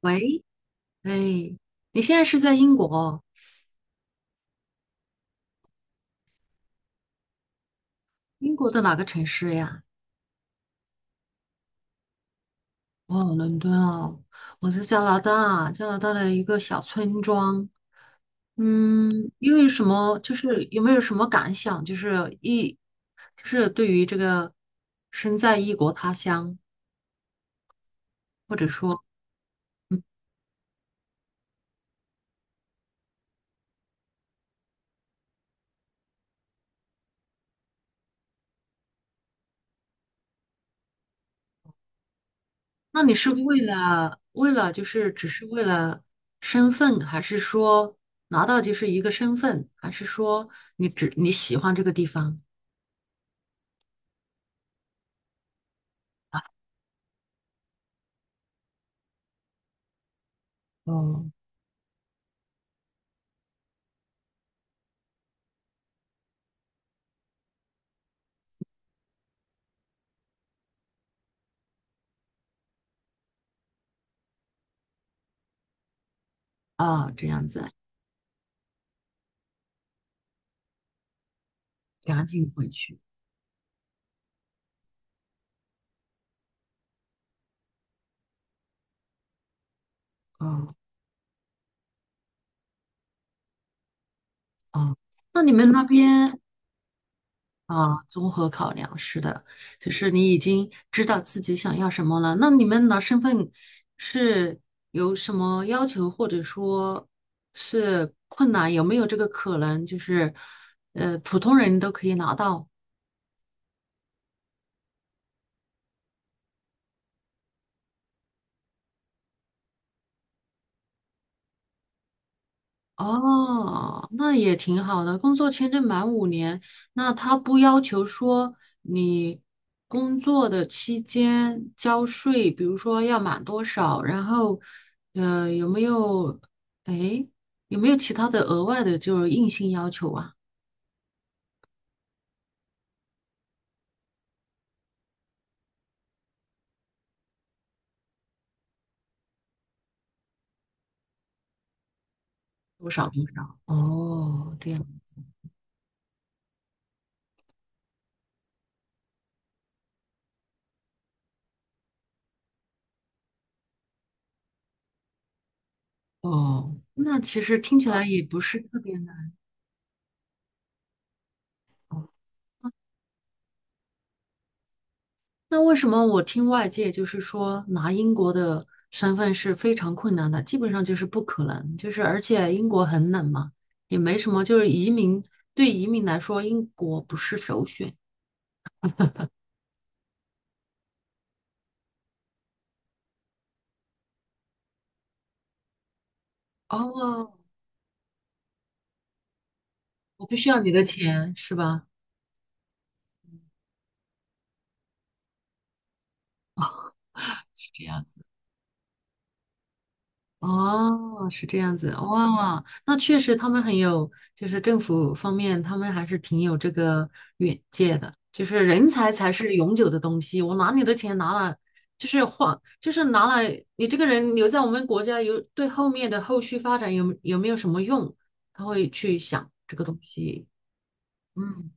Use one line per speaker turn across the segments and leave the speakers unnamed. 喂，哎，你现在是在英国？英国的哪个城市呀？哦，伦敦哦，我在加拿大，加拿大的一个小村庄。嗯，因为什么？就是有没有什么感想？就是异，就是对于这个身在异国他乡，或者说，那你是为了就是只是为了身份，还是说拿到就是一个身份，还是说你喜欢这个地方？哦。啊，这样子，赶紧回去。嗯嗯，那你们那边啊，综合考量是的，就是你已经知道自己想要什么了。那你们拿身份是有什么要求，或者说是困难？有没有这个可能，就是普通人都可以拿到？哦，那也挺好的。工作签证满5年，那他不要求说你工作的期间交税，比如说要满多少，然后呃有没有诶有没有其他的额外的就是硬性要求啊？多少多少？哦，这样哦，那其实听起来也不是特别难。那为什么我听外界就是说拿英国的身份是非常困难的，基本上就是不可能，就是而且英国很冷嘛，也没什么，就是移民对移民来说，英国不是首选。哦，我不需要你的钱是吧？是这样子。哦，是这样子，哇，那确实他们很有，就是政府方面，他们还是挺有这个远见的，就是人才才是永久的东西，我拿你的钱拿了，就是换，就是拿了你这个人留在我们国家有对后面的后续发展有没有什么用？他会去想这个东西，嗯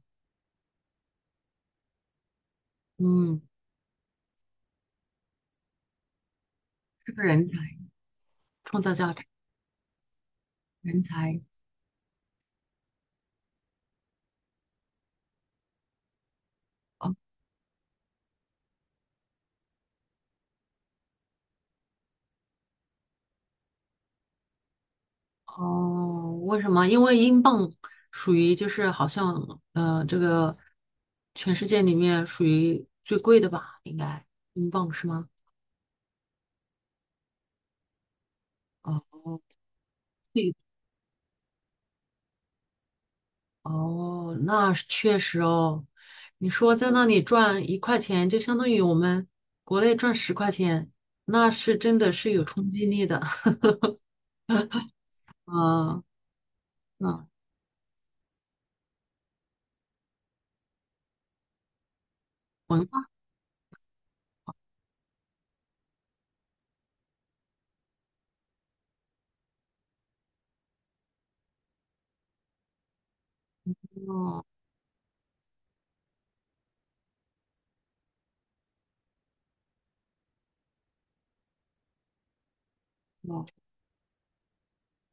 嗯，是个人才，创造价值，人才。哦，为什么？因为英镑属于就是好像这个全世界里面属于最贵的吧？应该英镑是吗？哦，对，哦，那是确实哦。你说在那里赚1块钱，就相当于我们国内赚10块钱，那是真的是有冲击力的。啊，嗯，文化哦。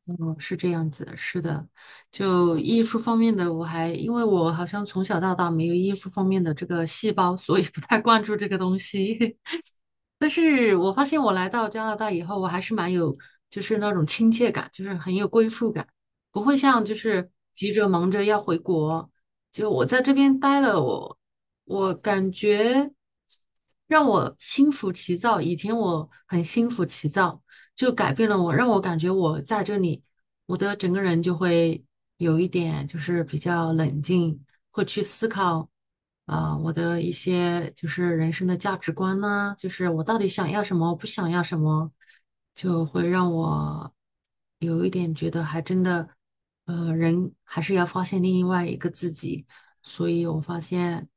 哦，是这样子，是的，就艺术方面的，我还因为我好像从小到大没有艺术方面的这个细胞，所以不太关注这个东西。但是我发现我来到加拿大以后，我还是蛮有就是那种亲切感，就是很有归属感，不会像就是急着忙着要回国。就我在这边待了，我感觉让我心浮气躁。以前我很心浮气躁，就改变了我，让我感觉我在这里，我的整个人就会有一点就是比较冷静，会去思考，啊、我的一些就是人生的价值观呐、就是我到底想要什么，我不想要什么，就会让我有一点觉得还真的，人还是要发现另外一个自己。所以我发现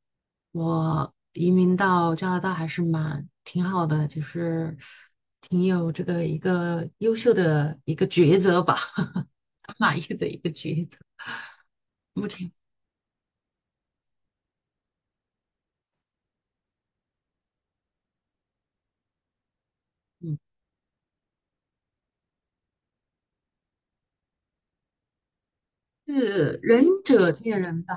我移民到加拿大还是蛮挺好的，就是挺有这个一个优秀的一个抉择吧，满意的一个抉择。目前。嗯。是仁者见仁吧，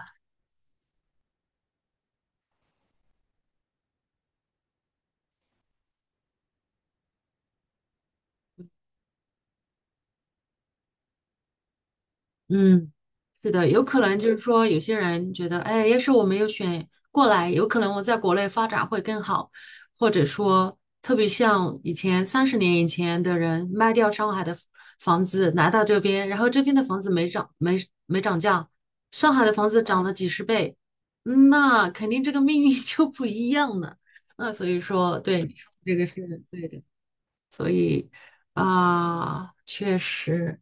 嗯，是的，有可能就是说，有些人觉得，哎，要是我没有选过来，有可能我在国内发展会更好，或者说，特别像以前30年以前的人卖掉上海的房子来到这边，然后这边的房子没涨，没涨价，上海的房子涨了几十倍，嗯那肯定这个命运 就不一样了。那所以说，对你说的这个是对的啊，确实。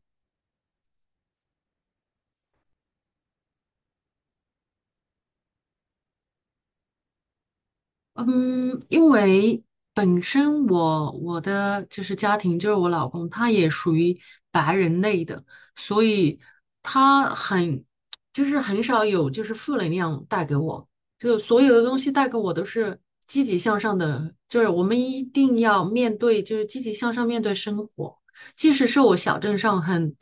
嗯，因为本身我的就是家庭，就是我老公，他也属于白人类的，所以他很就是很少有就是负能量带给我，就所有的东西带给我都是积极向上的，就是我们一定要面对，就是积极向上面对生活，即使是我小镇上很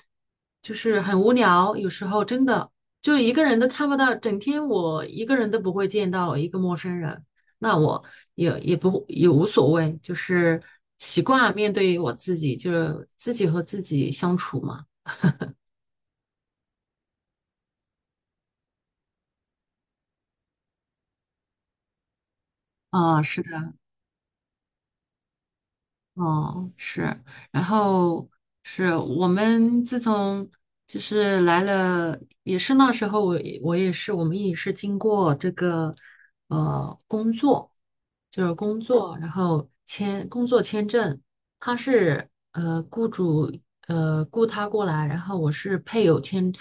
就是很无聊，有时候真的就一个人都看不到，整天我一个人都不会见到一个陌生人。那我也无所谓，就是习惯面对我自己，就是自己和自己相处嘛。啊，是的，哦，是，然后是我们自从就是来了，也是那时候我也是，我们也是经过这个工作，就是工作，然后签工作签证，他是雇主雇他过来，然后我是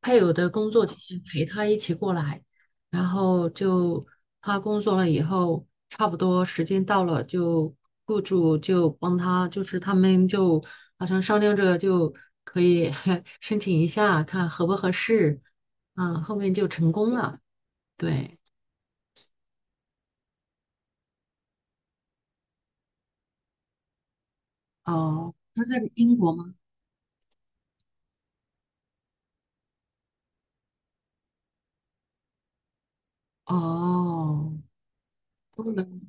配偶的工作签陪他一起过来。然后就他工作了以后，差不多时间到了，就雇主就帮他，就是他们就好像商量着就可以 申请一下，看合不合适。啊，后面就成功了。对，哦，他在英国吗？哦，能。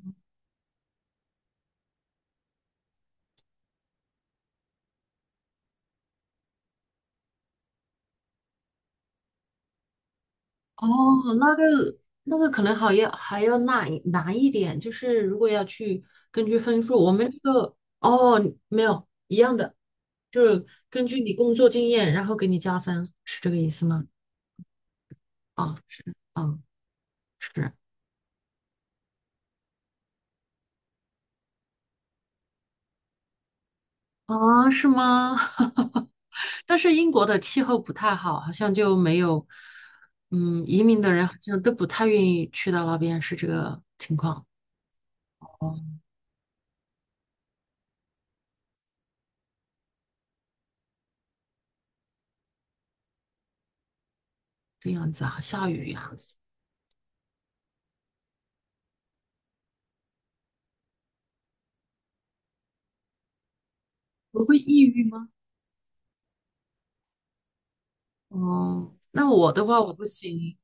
哦，那个可能好要还要难一点，就是如果要去根据分数，我们这个哦没有一样的，就是根据你工作经验，然后给你加分，是这个意思吗？啊，是的，嗯，是啊，是吗？但是英国的气候不太好，好像就没有，移民的人好像都不太愿意去到那边，是这个情况。哦，这样子啊，下雨呀、我会抑郁吗？哦，那我的话我不行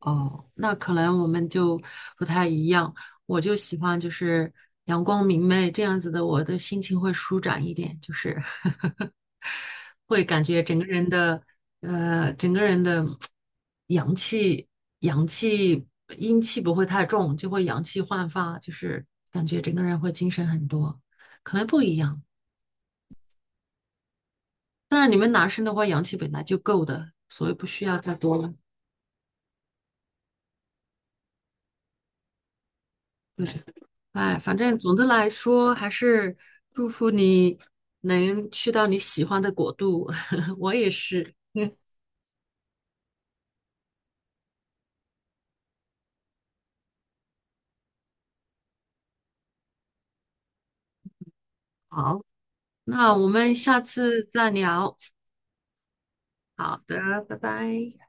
哦，那可能我们就不太一样。我就喜欢就是阳光明媚这样子的，我的心情会舒展一点，就是 会感觉整个人的阳气、阳气、阴气不会太重，就会阳气焕发，就是感觉整个人会精神很多，可能不一样。但是你们男生的话，阳气本来就够的，所以不需要再多了。对。哎，反正总的来说，还是祝福你能去到你喜欢的国度。我也是。好，那我们下次再聊。好的，拜拜。